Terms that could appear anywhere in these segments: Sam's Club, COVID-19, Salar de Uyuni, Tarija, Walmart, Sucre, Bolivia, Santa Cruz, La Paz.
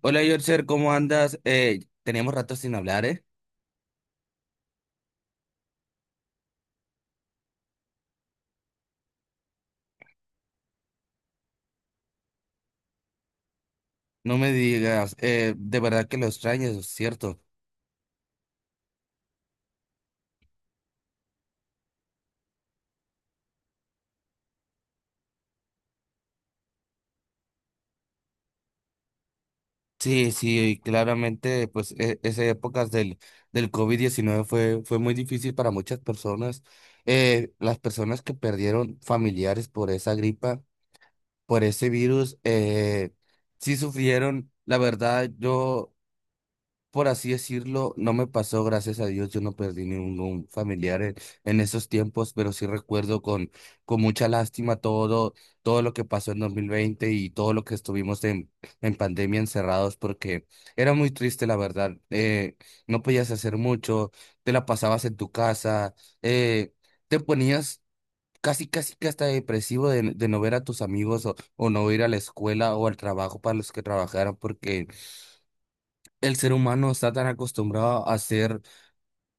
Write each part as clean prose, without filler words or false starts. Hola, Yorcher, ¿cómo andas? Teníamos rato sin hablar, ¿eh? No me digas, de verdad que lo extrañas, ¿cierto? Sí, sí, claramente, pues esas épocas del COVID-19 fue muy difícil para muchas personas. Las personas que perdieron familiares por esa gripa, por ese virus, sí sufrieron. La verdad, yo, por así decirlo, no me pasó, gracias a Dios. Yo no perdí ningún familiar en esos tiempos, pero sí recuerdo con mucha lástima todo lo que pasó en 2020, y todo lo que estuvimos en pandemia encerrados, porque era muy triste, la verdad. No podías hacer mucho, te la pasabas en tu casa, eh, te ponías casi, casi que hasta depresivo de no ver a tus amigos o no ir a la escuela o al trabajo para los que trabajaron, porque el ser humano está tan acostumbrado a ser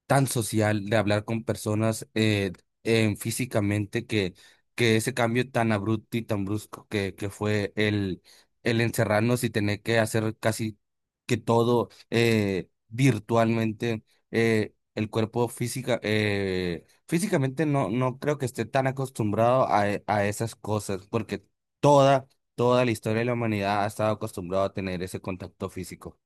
tan social, de hablar con personas, en físicamente, que ese cambio tan abrupto y tan brusco que fue el encerrarnos y tener que hacer casi que todo, virtualmente. El cuerpo físicamente, no creo que esté tan acostumbrado a esas cosas, porque toda, toda la historia de la humanidad ha estado acostumbrado a tener ese contacto físico.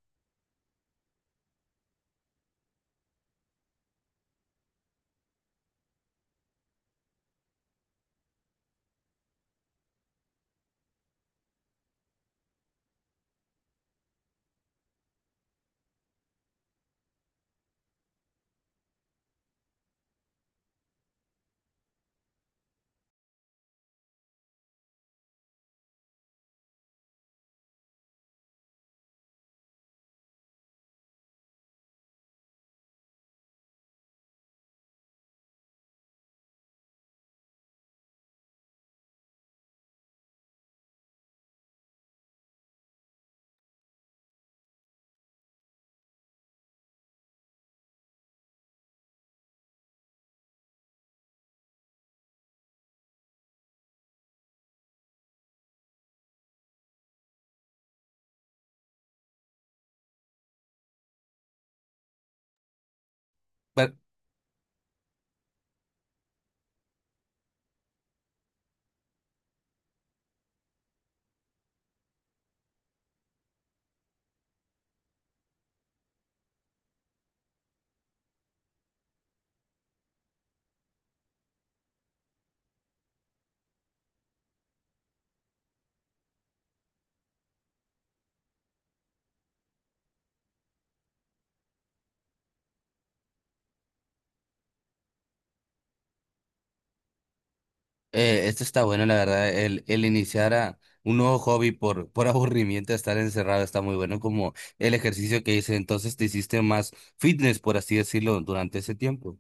Esto está bueno, la verdad. El iniciar a un nuevo hobby por aburrimiento, estar encerrado, está muy bueno, como el ejercicio que hice. Entonces te hiciste más fitness, por así decirlo, durante ese tiempo.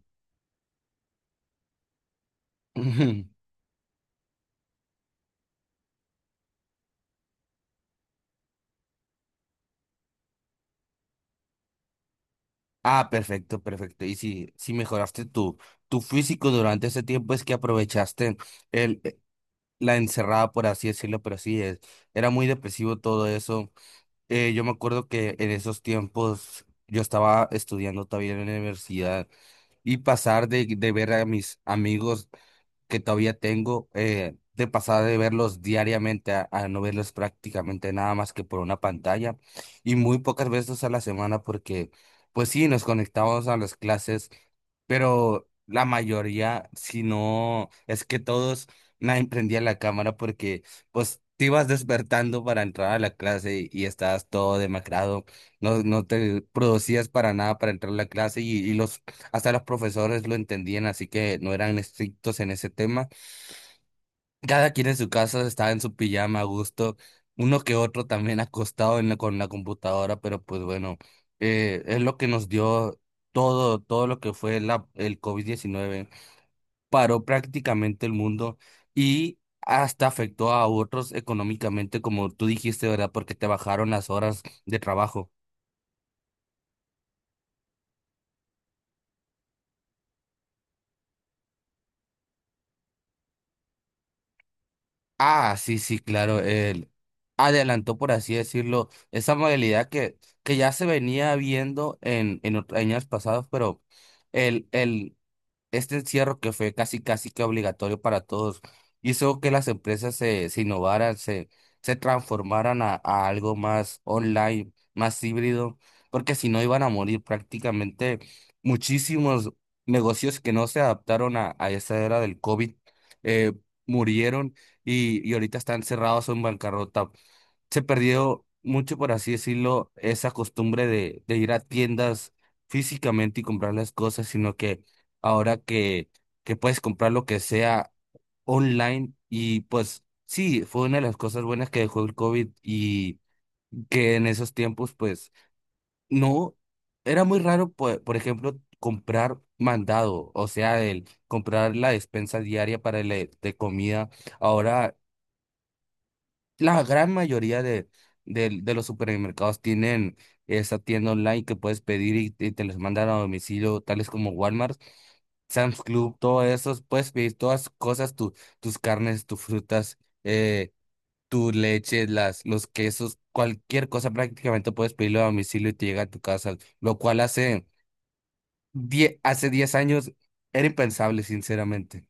Ujú. Ah, perfecto, perfecto. Y si mejoraste tu físico durante ese tiempo, es que aprovechaste el, eh, la encerrada, por así decirlo, pero sí, es, era muy depresivo todo eso. Yo me acuerdo que en esos tiempos yo estaba estudiando todavía en la universidad, y pasar de ver a mis amigos que todavía tengo, de pasar de verlos diariamente a no verlos prácticamente nada más que por una pantalla, y muy pocas veces a la semana, porque, pues sí, nos conectamos a las clases, pero la mayoría, si no es que todos, nadie prendía la cámara porque pues te ibas despertando para entrar a la clase, y estabas todo demacrado, no te producías para nada para entrar a la clase, y los hasta los profesores lo entendían, así que no eran estrictos en ese tema. Cada quien en su casa estaba en su pijama a gusto, uno que otro también acostado en con la computadora, pero pues bueno, es lo que nos dio todo lo que fue el covid diecinueve. Paró prácticamente el mundo y hasta afectó a otros económicamente, como tú dijiste, ¿verdad? Porque te bajaron las horas de trabajo. Ah, sí, sí, claro, él adelantó, por así decirlo, esa modalidad que ya se venía viendo en, en años pasados, pero el este encierro, que fue casi casi que obligatorio para todos, hizo que las empresas se innovaran, se transformaran a algo más online, más híbrido, porque si no iban a morir prácticamente muchísimos negocios que no se adaptaron a esa era del COVID. eh, Murieron, y ahorita están cerrados o en bancarrota. Se perdió mucho, por así decirlo, esa costumbre de ir a tiendas físicamente y comprar las cosas, sino que ahora que puedes comprar lo que sea online. Y pues sí, fue una de las cosas buenas que dejó el COVID. Y que en esos tiempos, pues no, era muy raro, por ejemplo, comprar mandado, o sea, el comprar la despensa diaria para el, de comida. Ahora la gran mayoría de los supermercados tienen esa tienda online que puedes pedir, y te les mandan a domicilio, tales como Walmart, Sam's Club, todo eso. Puedes pedir todas cosas, tus carnes, tus frutas, eh, tu leche, los quesos, cualquier cosa prácticamente puedes pedirlo a domicilio y te llega a tu casa, lo cual hace 10 años era impensable, sinceramente.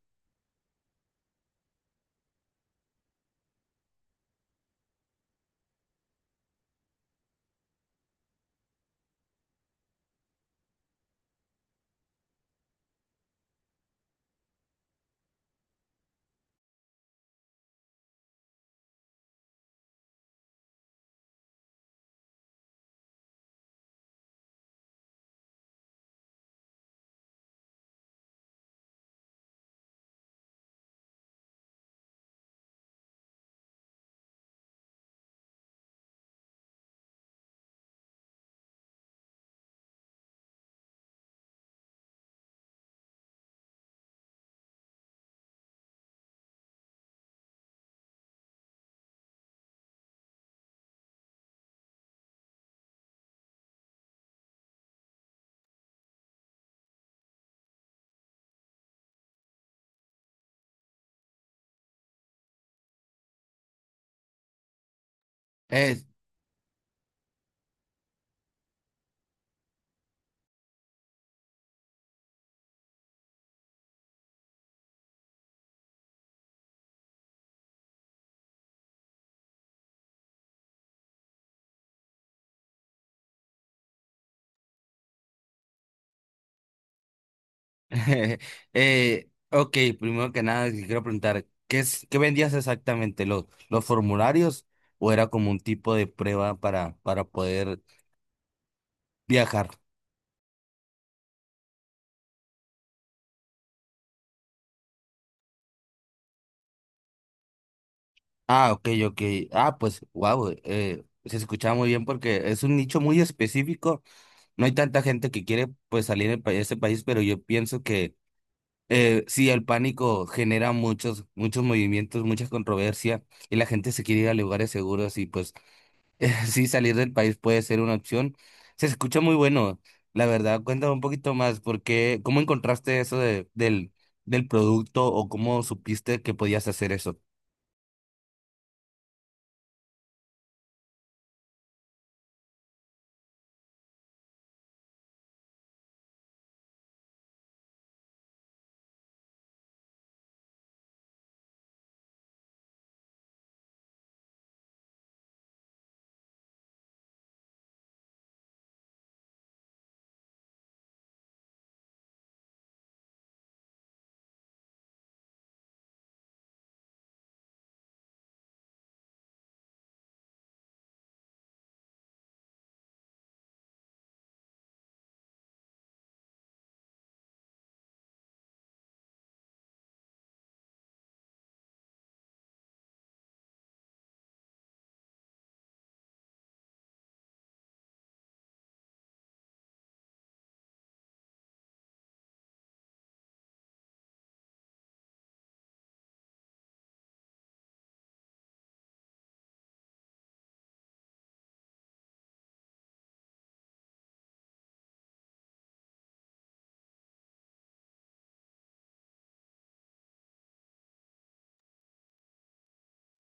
Eh, ok, primero que nada, te quiero preguntar, ¿qué es, qué vendías exactamente? ¿Los formularios, o era como un tipo de prueba para poder viajar? Ah, ok, ok. Ah, pues, wow, se escuchaba muy bien, porque es un nicho muy específico. No hay tanta gente que quiere, pues, salir de ese país, pero yo pienso que, sí, el pánico genera muchos, muchos movimientos, mucha controversia, y la gente se quiere ir a lugares seguros, y pues sí, salir del país puede ser una opción. Se escucha muy bueno. La verdad, cuéntame un poquito más, porque ¿cómo encontraste eso del producto, o cómo supiste que podías hacer eso?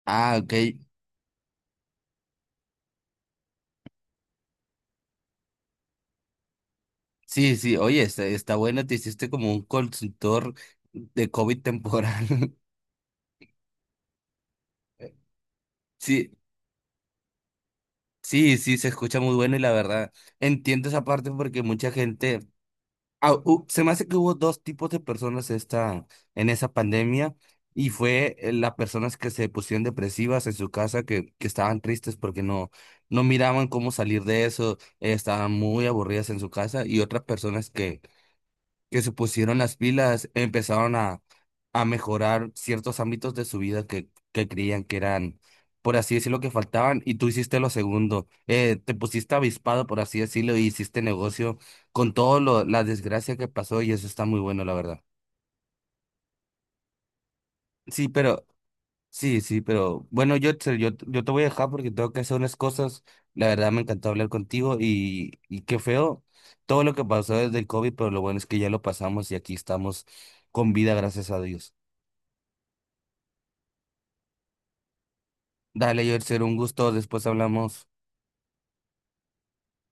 Ah, ok. Sí, sí, oye, está bueno, te hiciste como un consultor de COVID temporal. Sí, sí, sí, se escucha muy bueno, y la verdad, entiendo esa parte porque mucha gente... se me hace que hubo dos tipos de personas en esa pandemia, y fue, las personas que se pusieron depresivas en su casa, que estaban tristes porque no miraban cómo salir de eso, estaban muy aburridas en su casa, y otras personas que se pusieron las pilas, empezaron a mejorar ciertos ámbitos de su vida que creían que eran, por así decirlo, que faltaban, y tú hiciste lo segundo. Te pusiste avispado, por así decirlo, y hiciste negocio con todo lo, la desgracia que pasó, y eso está muy bueno, la verdad. Sí, pero, sí, sí, pero, bueno, yo te voy a dejar porque tengo que hacer unas cosas. La verdad, me encantó hablar contigo, y qué feo todo lo que pasó desde el COVID, pero lo bueno es que ya lo pasamos y aquí estamos con vida, gracias a Dios. Dale, Yerser, un gusto. Después hablamos.